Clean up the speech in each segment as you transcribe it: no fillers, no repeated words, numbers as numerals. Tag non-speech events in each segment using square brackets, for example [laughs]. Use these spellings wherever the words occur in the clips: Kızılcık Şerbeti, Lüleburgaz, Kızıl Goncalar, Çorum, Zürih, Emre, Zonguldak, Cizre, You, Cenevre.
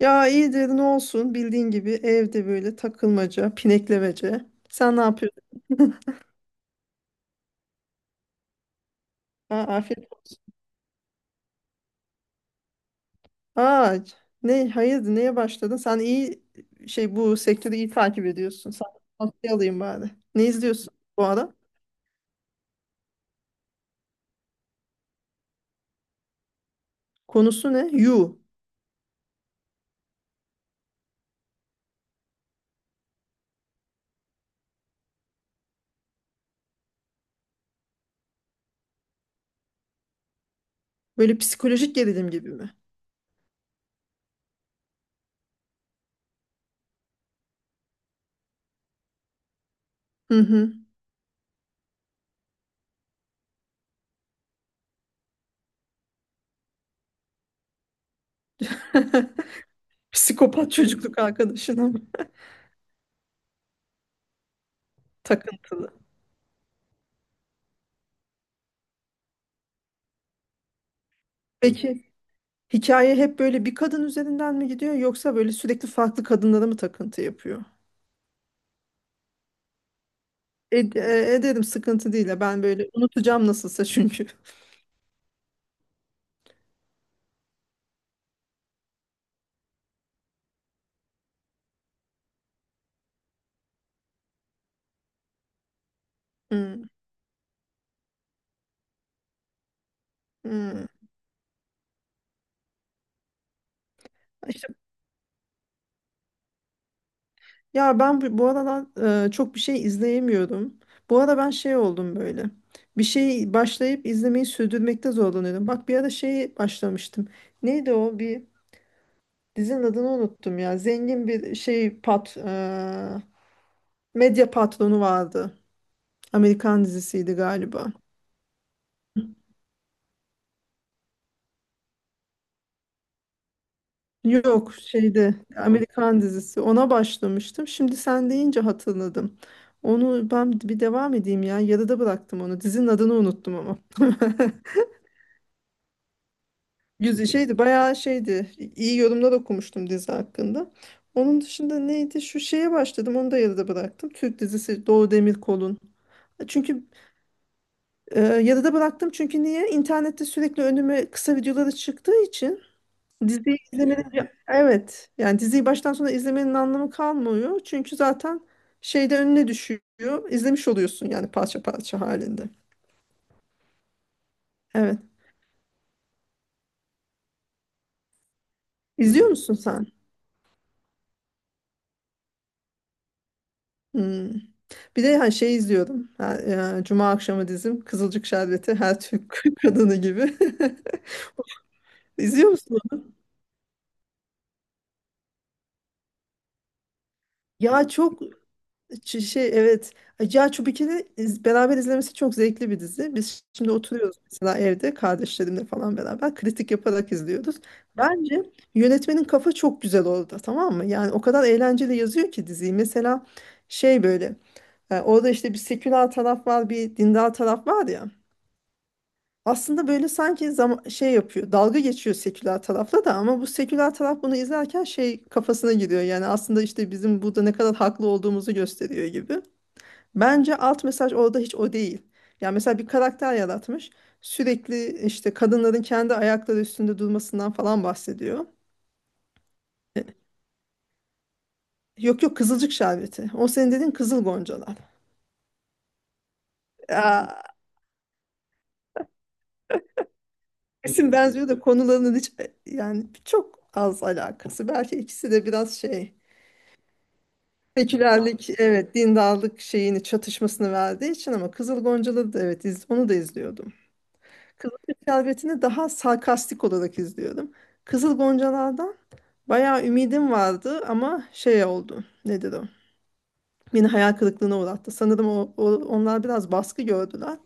Ya iyidir ne olsun bildiğin gibi evde böyle takılmaca, pineklemece. Sen ne yapıyorsun? [laughs] Aa, afiyet olsun. Aa, ne hayırdır neye başladın? Sen iyi şey bu sektörü iyi takip ediyorsun. Sen tavsiye alayım bari. Ne izliyorsun bu ara? Konusu ne? You. Böyle psikolojik gerilim gibi mi? Hı hı. [laughs] Psikopat çocukluk arkadaşına mı? [laughs] Takıntılı. Peki hikaye hep böyle bir kadın üzerinden mi gidiyor yoksa böyle sürekli farklı kadınlara mı takıntı yapıyor? E, e, ederim, sıkıntı değil ya, ben böyle unutacağım nasılsa çünkü. [laughs] Hmm, hmm. İşte, ya ben bu aralar çok bir şey izleyemiyorum. Bu ara ben şey oldum böyle. Bir şeyi başlayıp izlemeyi sürdürmekte zorlanıyorum. Bak bir ara şeyi başlamıştım. Neydi o? Bir dizinin adını unuttum ya. Zengin bir şey medya patronu vardı. Amerikan dizisiydi galiba. Yok şeyde Amerikan dizisi, ona başlamıştım. Şimdi sen deyince hatırladım. Onu ben bir devam edeyim ya. Yarıda bıraktım onu. Dizinin adını unuttum ama. [laughs] Güzel şeydi, bayağı şeydi. İyi yorumlar okumuştum dizi hakkında. Onun dışında neydi? Şu şeye başladım. Onu da yarıda bıraktım. Türk dizisi, Doğu Demirkol'un. Çünkü yarıda bıraktım, çünkü niye? İnternette sürekli önüme kısa videoları çıktığı için diziyi izlemenin evet, yani diziyi baştan sona izlemenin anlamı kalmıyor. Çünkü zaten şeyde önüne düşüyor. İzlemiş oluyorsun yani, parça parça halinde. Evet. İzliyor musun sen? Hmm. Bir de hani şey izliyordum. Ha, Cuma akşamı dizim Kızılcık Şerbeti, her Türk [laughs] kadını gibi. [laughs] İzliyor musun? Ya çok şey, evet. Cihan Çubikin'i beraber izlemesi çok zevkli bir dizi. Biz şimdi oturuyoruz mesela, evde kardeşlerimle falan beraber kritik yaparak izliyoruz. Bence yönetmenin kafa çok güzel orada, tamam mı? Yani o kadar eğlenceli yazıyor ki diziyi. Mesela şey böyle orada işte bir seküler taraf var, bir dindar taraf var ya. Aslında böyle sanki zam şey yapıyor, dalga geçiyor seküler tarafla da, ama bu seküler taraf bunu izlerken şey kafasına giriyor. Yani aslında işte bizim burada ne kadar haklı olduğumuzu gösteriyor gibi. Bence alt mesaj orada hiç o değil. Yani mesela bir karakter yaratmış. Sürekli işte kadınların kendi ayakları üstünde durmasından falan bahsediyor. Yok yok, kızılcık şerbeti. O senin dediğin Kızıl Goncalar. Aa, isim benziyor da konularının hiç, yani çok az alakası. Belki ikisi de biraz şey sekülerlik, evet dindarlık şeyini, çatışmasını verdiği için, ama Kızıl Goncaları da evet, onu da izliyordum. Kızıl Şerbeti'ni daha sarkastik olarak izliyordum. Kızıl Goncalar'dan bayağı ümidim vardı ama şey oldu. Nedir o? Beni hayal kırıklığına uğrattı. Sanırım onlar biraz baskı gördüler.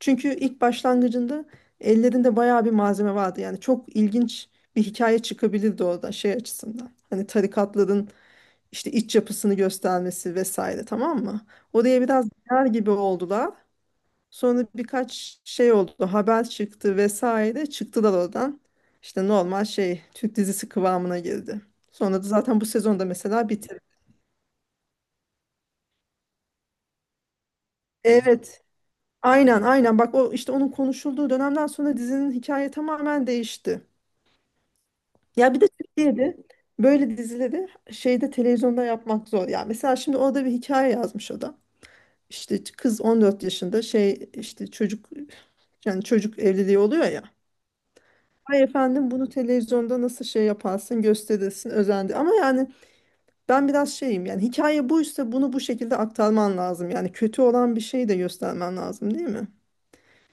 Çünkü ilk başlangıcında ellerinde bayağı bir malzeme vardı. Yani çok ilginç bir hikaye çıkabilirdi orada şey açısından. Hani tarikatların işte iç yapısını göstermesi vesaire, tamam mı? Oraya biraz girer gibi oldular. Sonra birkaç şey oldu, haber çıktı vesaire. Çıktılar oradan. İşte normal şey Türk dizisi kıvamına girdi. Sonra da zaten bu sezonda mesela bitirdi. Evet. Aynen aynen, bak o işte onun konuşulduğu dönemden sonra dizinin hikaye tamamen değişti. Ya bir de Türkiye'de böyle dizileri şeyde televizyonda yapmak zor. Ya mesela şimdi orada bir hikaye yazmış o da. İşte kız 14 yaşında şey, işte çocuk, yani çocuk evliliği oluyor ya. Ay efendim, bunu televizyonda nasıl şey yaparsın, gösterirsin, özendi. Ama yani ben biraz şeyim, yani hikaye buysa bunu bu şekilde aktarman lazım. Yani kötü olan bir şeyi de göstermen lazım değil mi?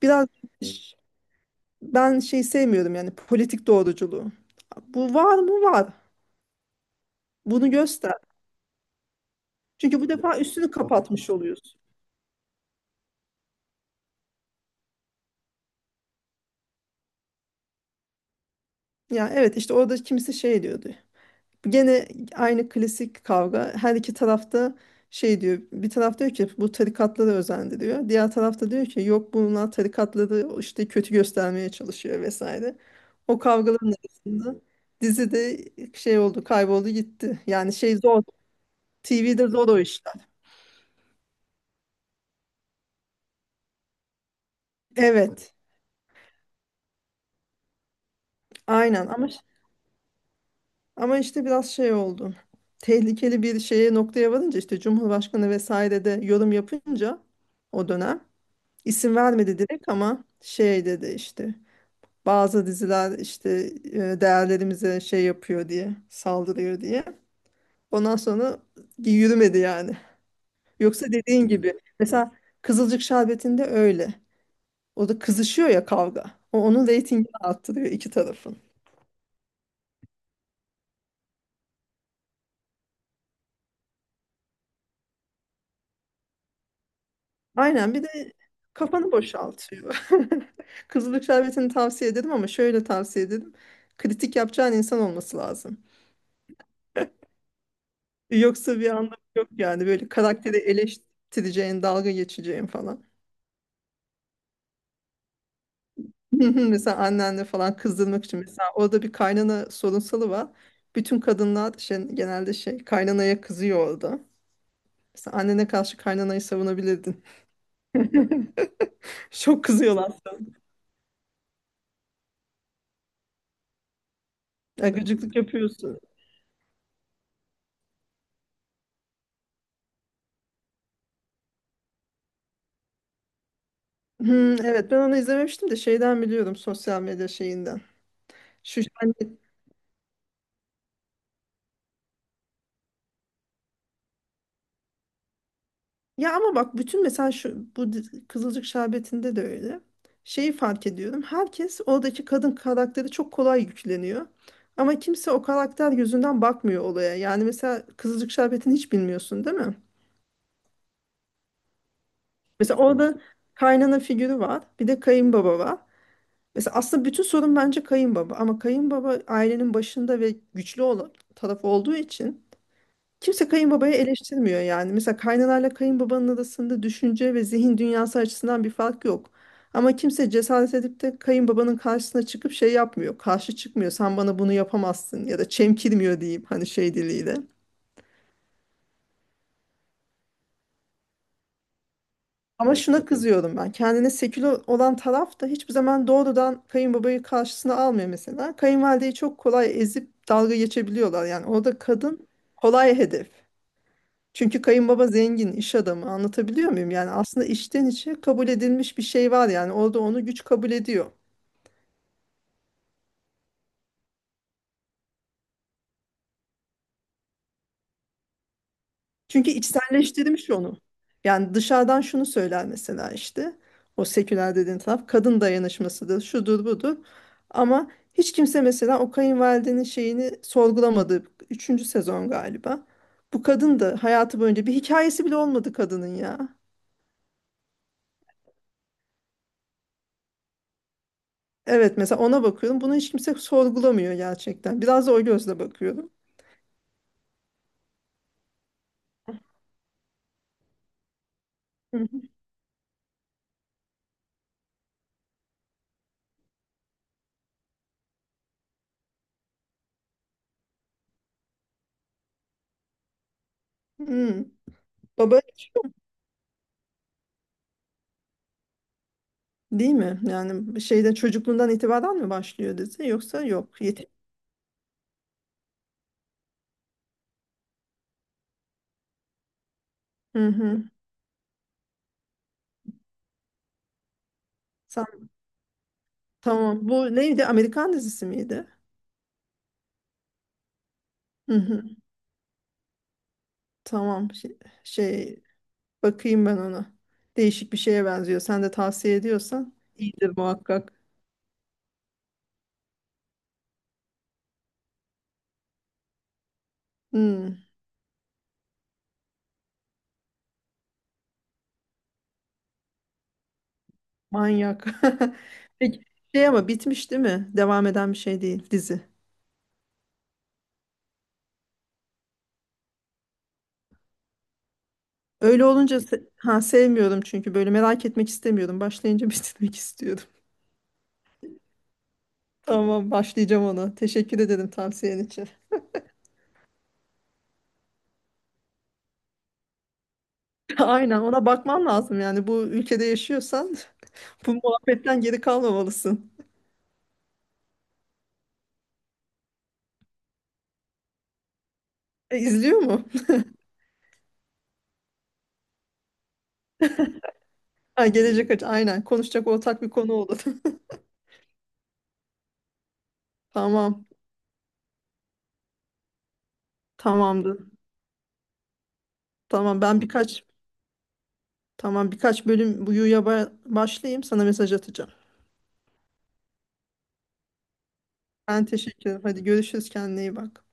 Biraz ş- ben şey sevmiyorum yani, politik doğruculuğu. Bu var mı, var. Bunu göster. Çünkü bu defa üstünü kapatmış oluyorsun. Ya evet, işte orada kimisi şey diyordu. Gene aynı klasik kavga. Her iki tarafta şey diyor. Bir taraf diyor ki bu tarikatları özendiriyor. Diğer tarafta diyor ki yok, bunlar tarikatları işte kötü göstermeye çalışıyor vesaire. O kavgaların arasında dizi de şey oldu, kayboldu gitti. Yani şey zor. TV'de zor o işler. Evet. Aynen, ama işte biraz şey oldu. Tehlikeli bir şeye, noktaya varınca işte Cumhurbaşkanı vesaire de yorum yapınca, o dönem İsim vermedi direkt ama şey dedi işte, bazı diziler işte değerlerimize şey yapıyor diye, saldırıyor diye. Ondan sonra yürümedi yani. Yoksa dediğin gibi mesela Kızılcık Şerbeti'nde öyle. O da kızışıyor ya kavga. O onun reytingini arttırıyor, iki tarafın. Aynen, bir de kafanı boşaltıyor. [laughs] Kızılcık Şerbeti'ni tavsiye ederim, ama şöyle tavsiye ederim. Kritik yapacağın insan olması lazım. Yoksa bir anlamı yok yani, böyle karakteri eleştireceğin, dalga geçeceğin falan. [laughs] Hı hı, mesela annenle falan kızdırmak için, mesela orada bir kaynana sorunsalı var. Bütün kadınlar şey, genelde şey kaynanaya kızıyor orada. Mesela annene karşı kaynanayı savunabilirdin. [laughs] Çok kızıyorlar sana. Ya gıcıklık yapıyorsun. Hmm, evet, ben onu izlememiştim de şeyden biliyorum, sosyal medya şeyinden. Şu hani, ya ama bak bütün, mesela şu bu Kızılcık Şerbeti'nde de öyle. Şeyi fark ediyorum. Herkes oradaki kadın karakteri çok kolay yükleniyor. Ama kimse o karakter yüzünden bakmıyor olaya. Yani mesela Kızılcık Şerbeti'ni hiç bilmiyorsun değil mi? Mesela orada kaynana figürü var. Bir de kayınbaba var. Mesela aslında bütün sorun bence kayınbaba. Ama kayınbaba ailenin başında ve güçlü olan taraf olduğu için kimse kayınbabayı eleştirmiyor yani. Mesela kaynanayla kayınbabanın arasında düşünce ve zihin dünyası açısından bir fark yok. Ama kimse cesaret edip de kayınbabanın karşısına çıkıp şey yapmıyor. Karşı çıkmıyor. Sen bana bunu yapamazsın, ya da çemkirmiyor diyeyim, hani şey diliyle. Ama evet, şuna evet kızıyorum ben. Kendine seküler olan taraf da hiçbir zaman doğrudan kayınbabayı karşısına almıyor mesela. Kayınvalideyi çok kolay ezip dalga geçebiliyorlar. Yani orada kadın kolay hedef. Çünkü kayınbaba zengin, iş adamı, anlatabiliyor muyum? Yani aslında içten içe kabul edilmiş bir şey var yani, orada onu güç kabul ediyor. Çünkü içselleştirmiş onu. Yani dışarıdan şunu söyler mesela işte, o seküler dediğin taraf kadın dayanışmasıdır, şudur budur. Ama hiç kimse mesela o kayınvalidenin şeyini sorgulamadı. Üçüncü sezon galiba. Bu kadın da hayatı boyunca bir hikayesi bile olmadı kadının ya. Evet, mesela ona bakıyorum. Bunu hiç kimse sorgulamıyor gerçekten. Biraz da o gözle bakıyorum. Hmm. Baba değil mi? Yani şeyden çocukluğundan itibaren mi başlıyor dizi, yoksa yok yetiş. Hı hı. Sen, tamam. Bu neydi? Amerikan dizisi miydi? Hı hı. Tamam. Şey, şey, bakayım ben ona. Değişik bir şeye benziyor. Sen de tavsiye ediyorsan iyidir muhakkak. Hmm, manyak. [laughs] Peki şey, ama bitmiş değil mi? Devam eden bir şey değil dizi. Öyle olunca ha sevmiyorum, çünkü böyle merak etmek istemiyordum. Başlayınca [laughs] bitirmek istiyordum. Tamam, başlayacağım ona. Teşekkür ederim tavsiyen için. [laughs] Aynen, ona bakman lazım yani, bu ülkede yaşıyorsan [laughs] bu muhabbetten geri kalmamalısın. E, izliyor mu? [laughs] Ha, gelecek aynen, konuşacak ortak bir konu olur. [laughs] Tamam, tamamdır. Tamam, ben birkaç, tamam birkaç bölüm bu yuya başlayayım, sana mesaj atacağım. Ben teşekkür ederim. Hadi görüşürüz, kendine iyi bak.